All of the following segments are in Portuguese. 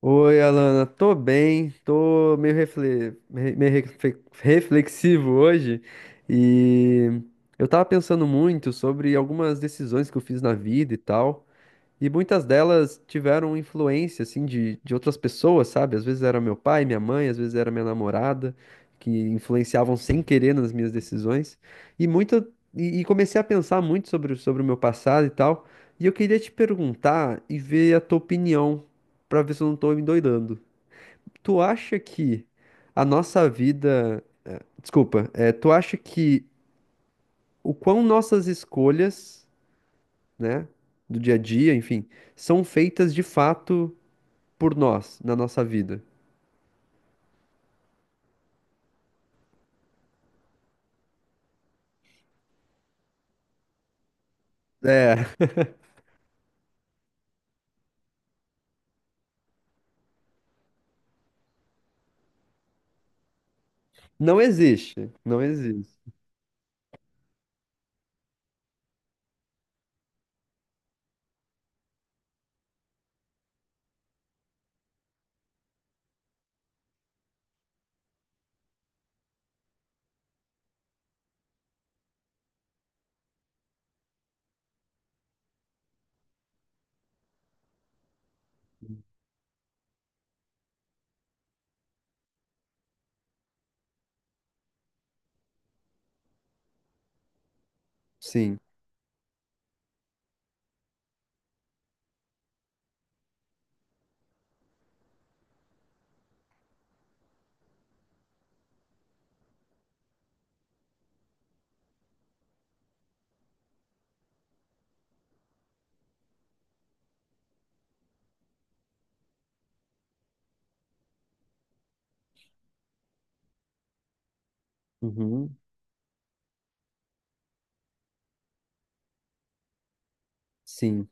Oi, Alana, tô bem, tô meio reflexivo hoje e eu tava pensando muito sobre algumas decisões que eu fiz na vida e tal. E muitas delas tiveram influência, assim, de outras pessoas, sabe? Às vezes era meu pai, minha mãe, às vezes era minha namorada, que influenciavam sem querer nas minhas decisões. E muita, e comecei a pensar muito sobre, sobre o meu passado e tal. E eu queria te perguntar e ver a tua opinião, pra ver se eu não tô me doidando. Tu acha que a nossa vida... Desculpa, tu acha que o quão nossas escolhas, né, do dia a dia, enfim, são feitas de fato por nós na nossa vida. É, não existe, não existe. Sim. Uhum. Sim.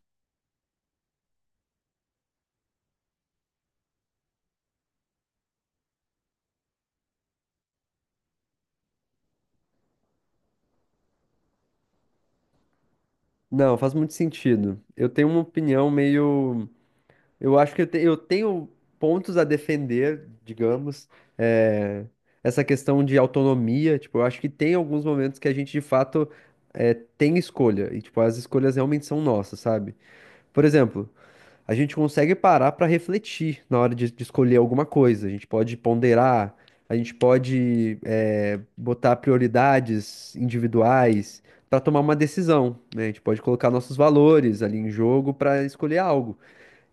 Não, faz muito sentido. Eu tenho uma opinião meio. Eu acho que eu tenho pontos a defender, digamos, é, essa questão de autonomia. Tipo, eu acho que tem alguns momentos que a gente de fato tem escolha. E, tipo, as escolhas realmente são nossas, sabe? Por exemplo, a gente consegue parar para refletir na hora de escolher alguma coisa. A gente pode ponderar, a gente pode botar prioridades individuais para tomar uma decisão, né? A gente pode colocar nossos valores ali em jogo para escolher algo.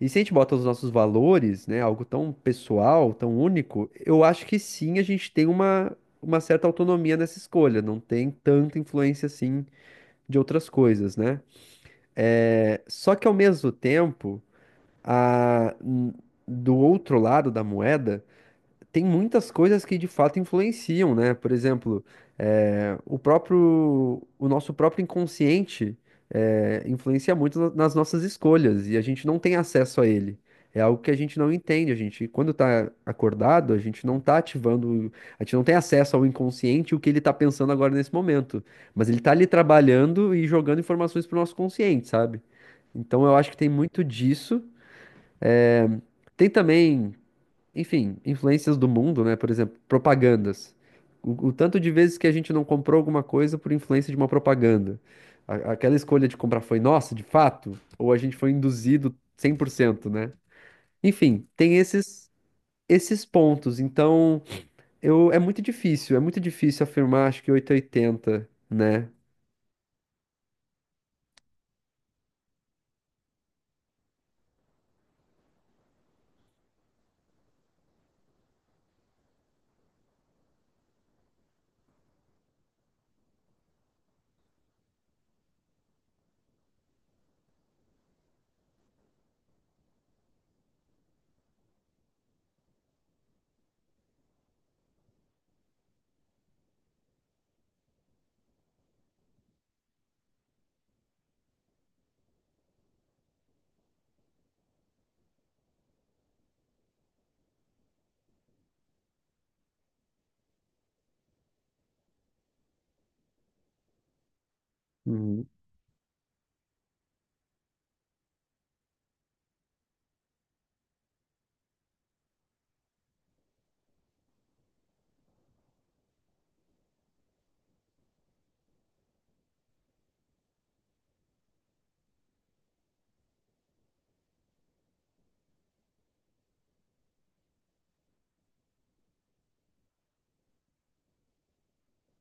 E se a gente bota os nossos valores, né, algo tão pessoal, tão único, eu acho que sim, a gente tem uma certa autonomia nessa escolha, não tem tanta influência assim de outras coisas, né? É, só que ao mesmo tempo a- do outro lado da moeda, tem muitas coisas que de fato influenciam, né? Por exemplo, eh, o próprio, o nosso próprio inconsciente influencia muito nas nossas escolhas e a gente não tem acesso a ele. É algo que a gente não entende. A gente, quando tá acordado, a gente não tá ativando, a gente não tem acesso ao inconsciente, e o que ele tá pensando agora nesse momento. Mas ele tá ali trabalhando e jogando informações pro nosso consciente, sabe? Então eu acho que tem muito disso. Tem também, enfim, influências do mundo, né? Por exemplo, propagandas. O tanto de vezes que a gente não comprou alguma coisa por influência de uma propaganda. Aquela escolha de comprar foi nossa, de fato? Ou a gente foi induzido 100%, né? Enfim, tem esses pontos. Então, é muito difícil afirmar, acho que 880, né? Uhum.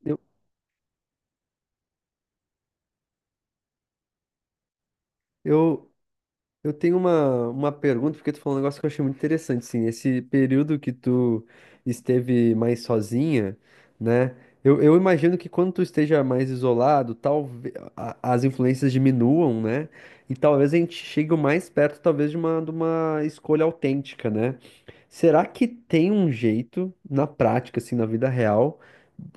Eu, eu, Eu tenho uma pergunta, porque tu falou um negócio que eu achei muito interessante, assim, esse período que tu esteve mais sozinha, né? Eu imagino que quando tu esteja mais isolado, talvez as influências diminuam, né? E talvez a gente chegue o mais perto, talvez, de uma escolha autêntica, né? Será que tem um jeito, na prática, assim, na vida real,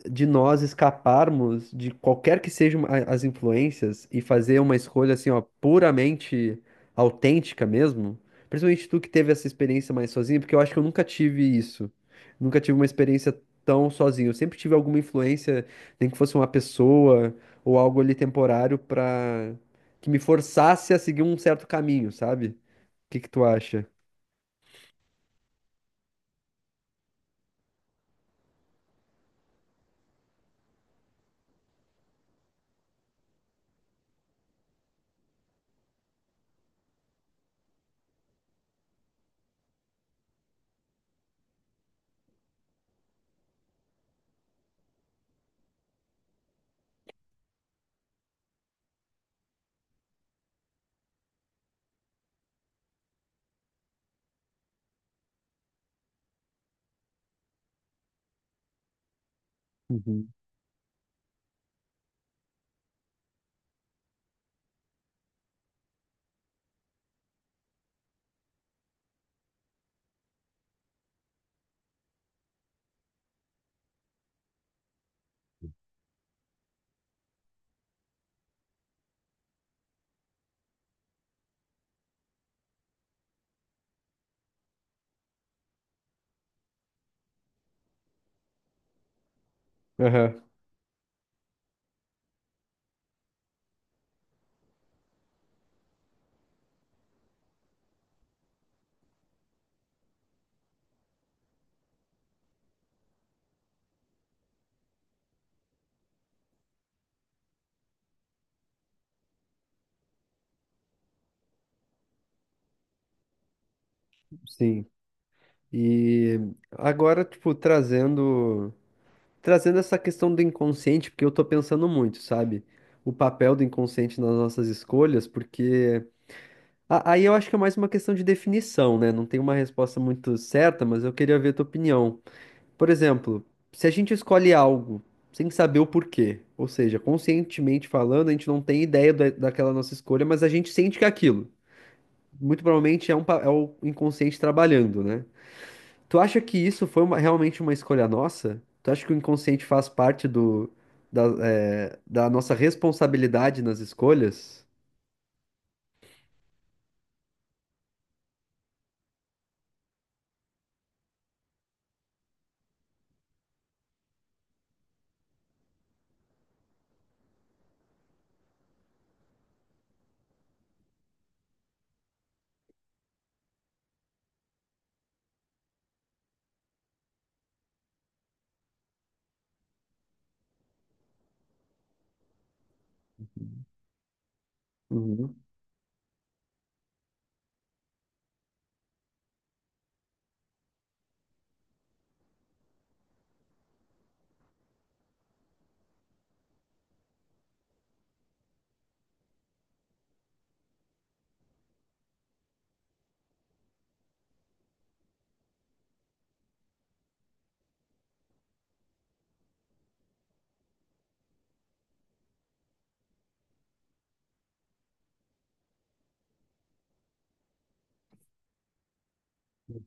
de nós escaparmos de qualquer que sejam as influências e fazer uma escolha, assim, ó, puramente autêntica mesmo? Principalmente tu que teve essa experiência mais sozinho, porque eu acho que eu nunca tive isso. Nunca tive uma experiência tão sozinho. Eu sempre tive alguma influência, nem que fosse uma pessoa ou algo ali temporário pra que me forçasse a seguir um certo caminho, sabe? O que que tu acha? Uhum. Aham, sim. E agora, tipo, trazendo essa questão do inconsciente, porque eu tô pensando muito, sabe? O papel do inconsciente nas nossas escolhas, porque aí eu acho que é mais uma questão de definição, né? Não tem uma resposta muito certa, mas eu queria ver a tua opinião. Por exemplo, se a gente escolhe algo sem saber o porquê, ou seja, conscientemente falando, a gente não tem ideia daquela nossa escolha, mas a gente sente que é aquilo. Muito provavelmente é o inconsciente trabalhando, né? Tu acha que isso foi realmente uma escolha nossa? Tu acha que o inconsciente faz parte da nossa responsabilidade nas escolhas? Uhum.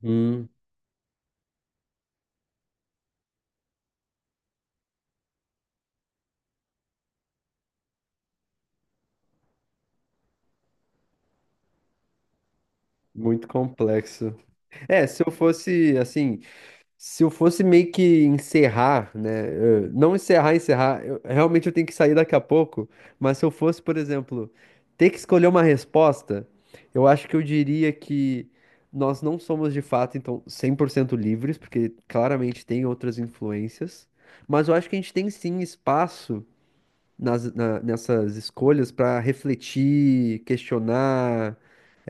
Hum, muito complexo. É, se eu fosse assim. Se eu fosse meio que encerrar, né? Não encerrar, encerrar, realmente eu tenho que sair daqui a pouco, mas se eu fosse, por exemplo, ter que escolher uma resposta, eu acho que eu diria que nós não somos de fato, então, 100% livres, porque claramente tem outras influências, mas eu acho que a gente tem sim espaço nessas escolhas para refletir, questionar,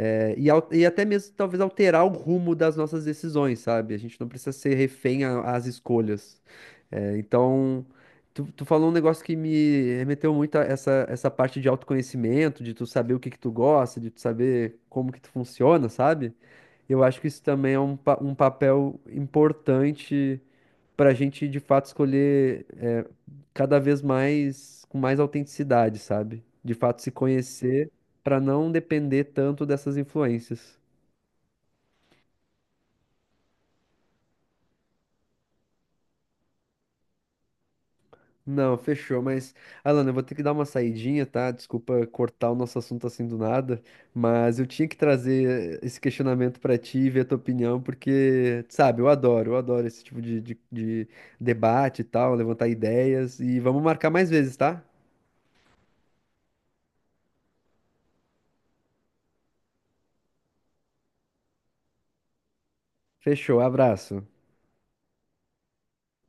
E até mesmo talvez alterar o rumo das nossas decisões, sabe? A gente não precisa ser refém às escolhas. É, então, tu falou um negócio que me remeteu muito a essa parte de autoconhecimento, de tu saber o que que tu gosta, de tu saber como que tu funciona, sabe? Eu acho que isso também é um papel importante para a gente, de fato, escolher cada vez mais, com mais autenticidade, sabe? De fato, se conhecer para não depender tanto dessas influências. Não, fechou, mas Alan, eu vou ter que dar uma saidinha, tá? Desculpa cortar o nosso assunto assim do nada, mas eu tinha que trazer esse questionamento pra ti e ver a tua opinião, porque, sabe, eu adoro esse tipo de debate e tal, levantar ideias, e vamos marcar mais vezes, tá? Fechou, abraço.